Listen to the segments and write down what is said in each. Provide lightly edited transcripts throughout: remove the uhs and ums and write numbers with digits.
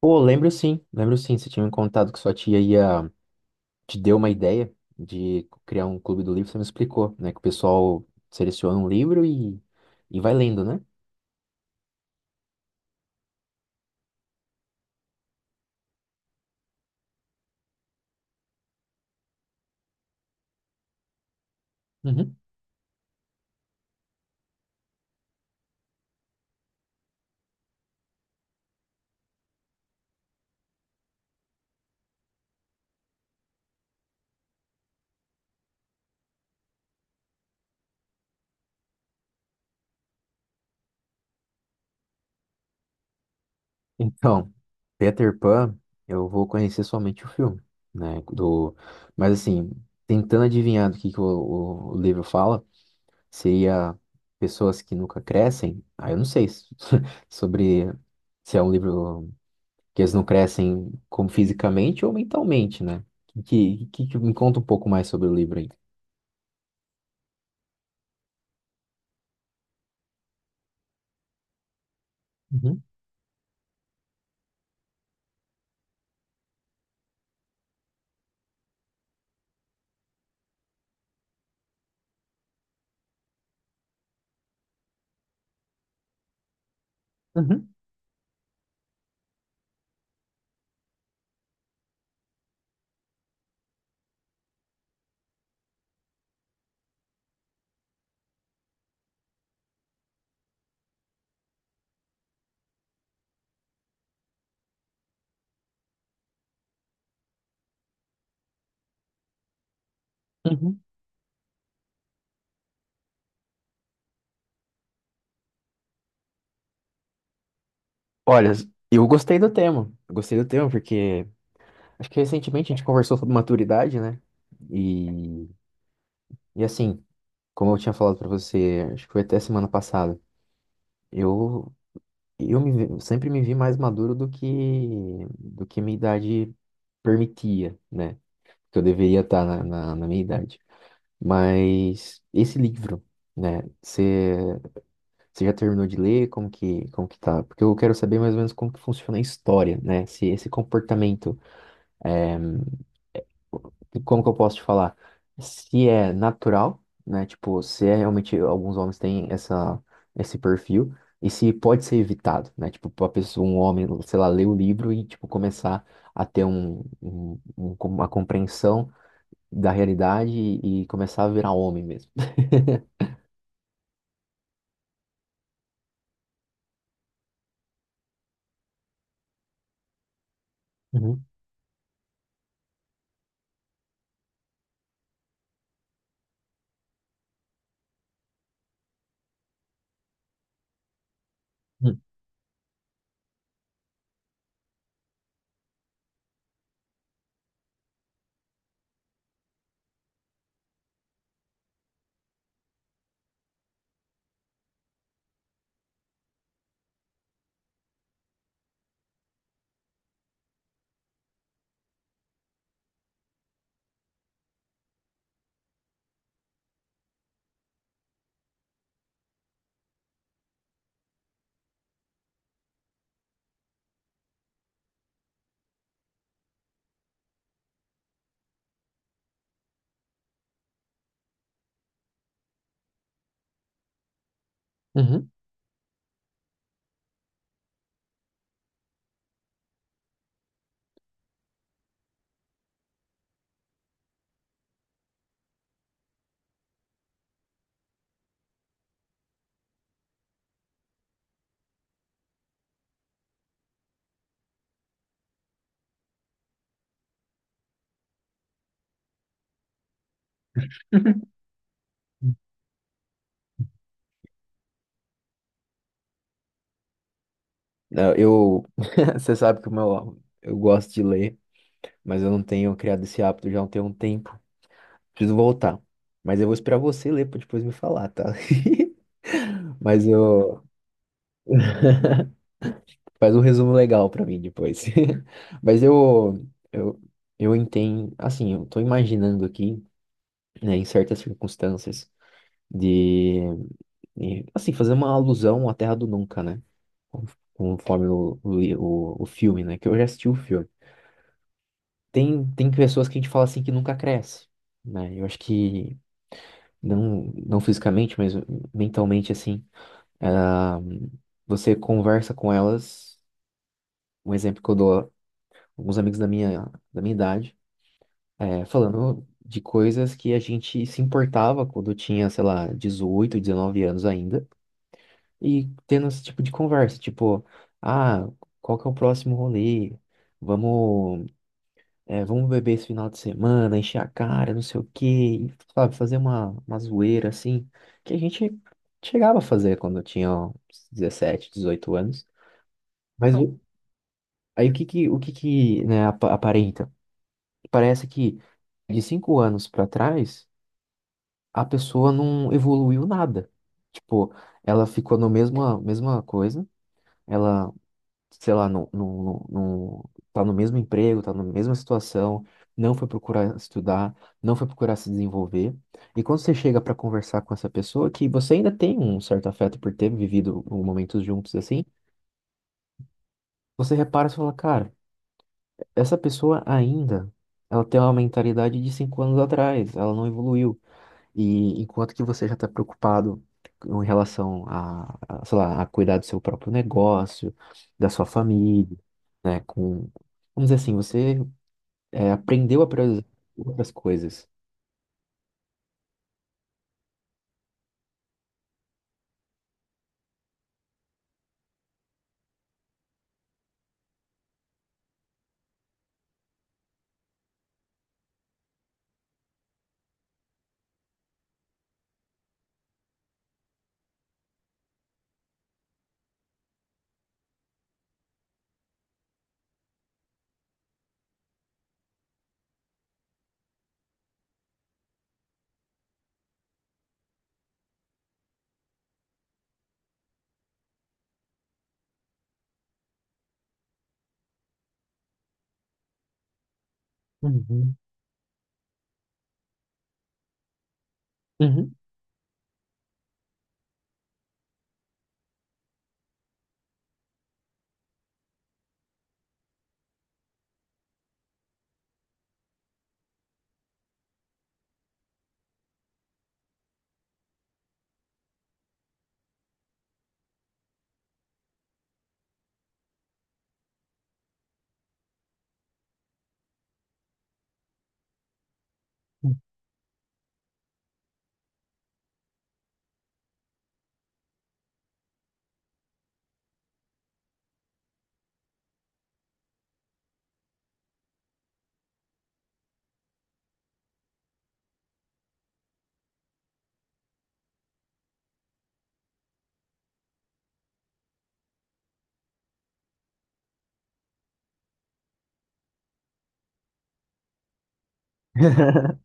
Pô, lembro sim, lembro sim. Você tinha me contado que sua tia ia te deu uma ideia de criar um clube do livro, você me explicou, né? Que o pessoal seleciona um livro e vai lendo, né? Uhum. Então, Peter Pan, eu vou conhecer somente o filme, né? Do. Mas assim, tentando adivinhar do que o livro fala, seria pessoas que nunca crescem. Ah, eu não sei sobre se é um livro. Que eles não crescem como fisicamente ou mentalmente, né? Que me conta um pouco mais sobre o livro aí. Uhum, uhum, uhum. Olha, eu gostei do tema. Eu gostei do tema porque acho que recentemente a gente conversou sobre maturidade, né? E, e assim, como eu tinha falado pra você, acho que foi até semana passada, eu eu sempre me vi mais maduro do que minha idade permitia, né? Que eu deveria estar na minha idade. Mas esse livro, né? Você já terminou de ler? Como que tá? Porque eu quero saber mais ou menos como que funciona a história, né? Se esse comportamento, é, como que eu posso te falar? Se é natural, né? Tipo, se é realmente alguns homens têm essa, esse perfil e se pode ser evitado, né? Tipo, pra pessoa, um homem, sei lá, ler o livro e tipo começar a ter uma compreensão da realidade e começar a virar homem mesmo. Uhum. Uhum. Não, você sabe que o meu, eu gosto de ler, mas eu não tenho criado esse hábito já há um tem um tempo. Preciso voltar. Mas eu vou esperar você ler para depois me falar, tá? Mas eu faz um resumo legal para mim depois. Mas eu, eu entendo, assim, eu tô imaginando aqui, né, em certas circunstâncias de, de, assim, fazer uma alusão à Terra do Nunca, né? Conforme o filme, né? Que eu já assisti o filme. Tem pessoas que a gente fala assim que nunca cresce, né? Eu acho que não, não fisicamente, mas mentalmente assim, ah, você conversa com elas, um exemplo que eu dou alguns amigos da minha idade, falando de coisas que a gente se importava quando tinha, sei lá, 18, 19 anos ainda, e tendo esse tipo de conversa, tipo, ah, qual que é o próximo rolê? Vamos vamos beber esse final de semana, encher a cara, não sei o quê, e, sabe, fazer uma zoeira assim, que a gente chegava a fazer quando eu tinha ó, uns 17, 18 anos. Mas o- aí o que que, né, aparenta? Parece que de 5 anos pra trás, a pessoa não evoluiu nada. Tipo, ela ficou na mesma coisa, ela sei lá, tá no mesmo emprego, tá na mesma situação, não foi procurar estudar, não foi procurar se desenvolver. E quando você chega para conversar com essa pessoa, que você ainda tem um certo afeto por ter vivido momentos juntos assim, você repara e fala, cara, essa pessoa ainda, ela tem uma mentalidade de 5 anos atrás, ela não evoluiu. E enquanto que você já está preocupado em relação a, sei lá, a cuidar do seu próprio negócio, da sua família, né? Com, vamos dizer assim, você aprendeu a priorizar outras coisas. Uhum. Uhum.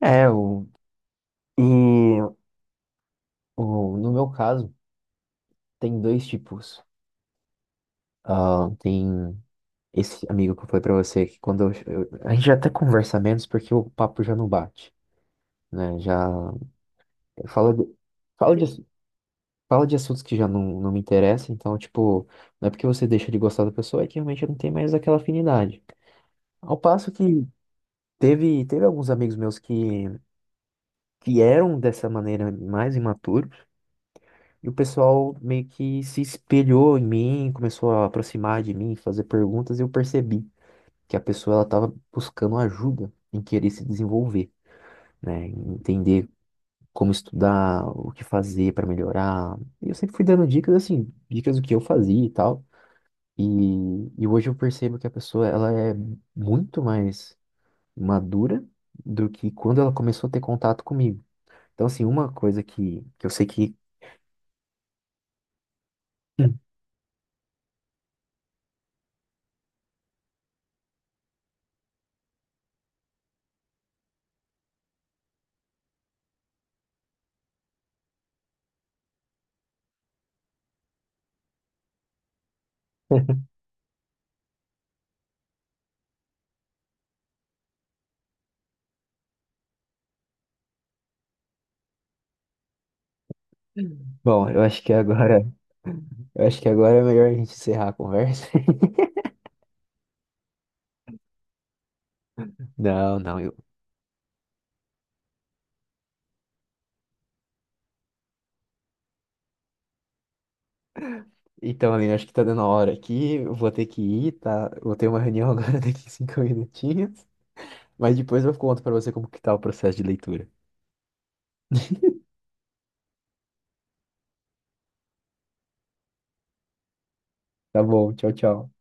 É, e no meu caso, tem dois tipos. Ah, tem esse amigo que eu falei pra você, que quando a gente já até conversa menos porque o papo já não bate, né? Já fala, de- fala de, fala de assuntos que já não, não me interessam, então, tipo, não é porque você deixa de gostar da pessoa, é que realmente não tem mais aquela afinidade. Ao passo que teve alguns amigos meus que eram dessa maneira mais imaturos, e o pessoal meio que se espelhou em mim, começou a aproximar de mim, fazer perguntas, e eu percebi que a pessoa ela estava buscando ajuda em querer se desenvolver, né? Em entender como estudar, o que fazer para melhorar. E eu sempre fui dando dicas assim, dicas do que eu fazia e tal. E, e hoje eu percebo que a pessoa ela é muito mais madura do que quando ela começou a ter contato comigo. Então, assim, uma coisa que eu sei que. Hum. Bom, eu acho que agora é melhor a gente encerrar a conversa. Não, não, eu. Então, Aline, acho que tá dando a hora aqui. Eu vou ter que ir, tá? Eu vou ter uma reunião agora daqui 5 minutinhos. Mas depois eu conto pra você como que tá o processo de leitura. Tá bom, tchau, tchau.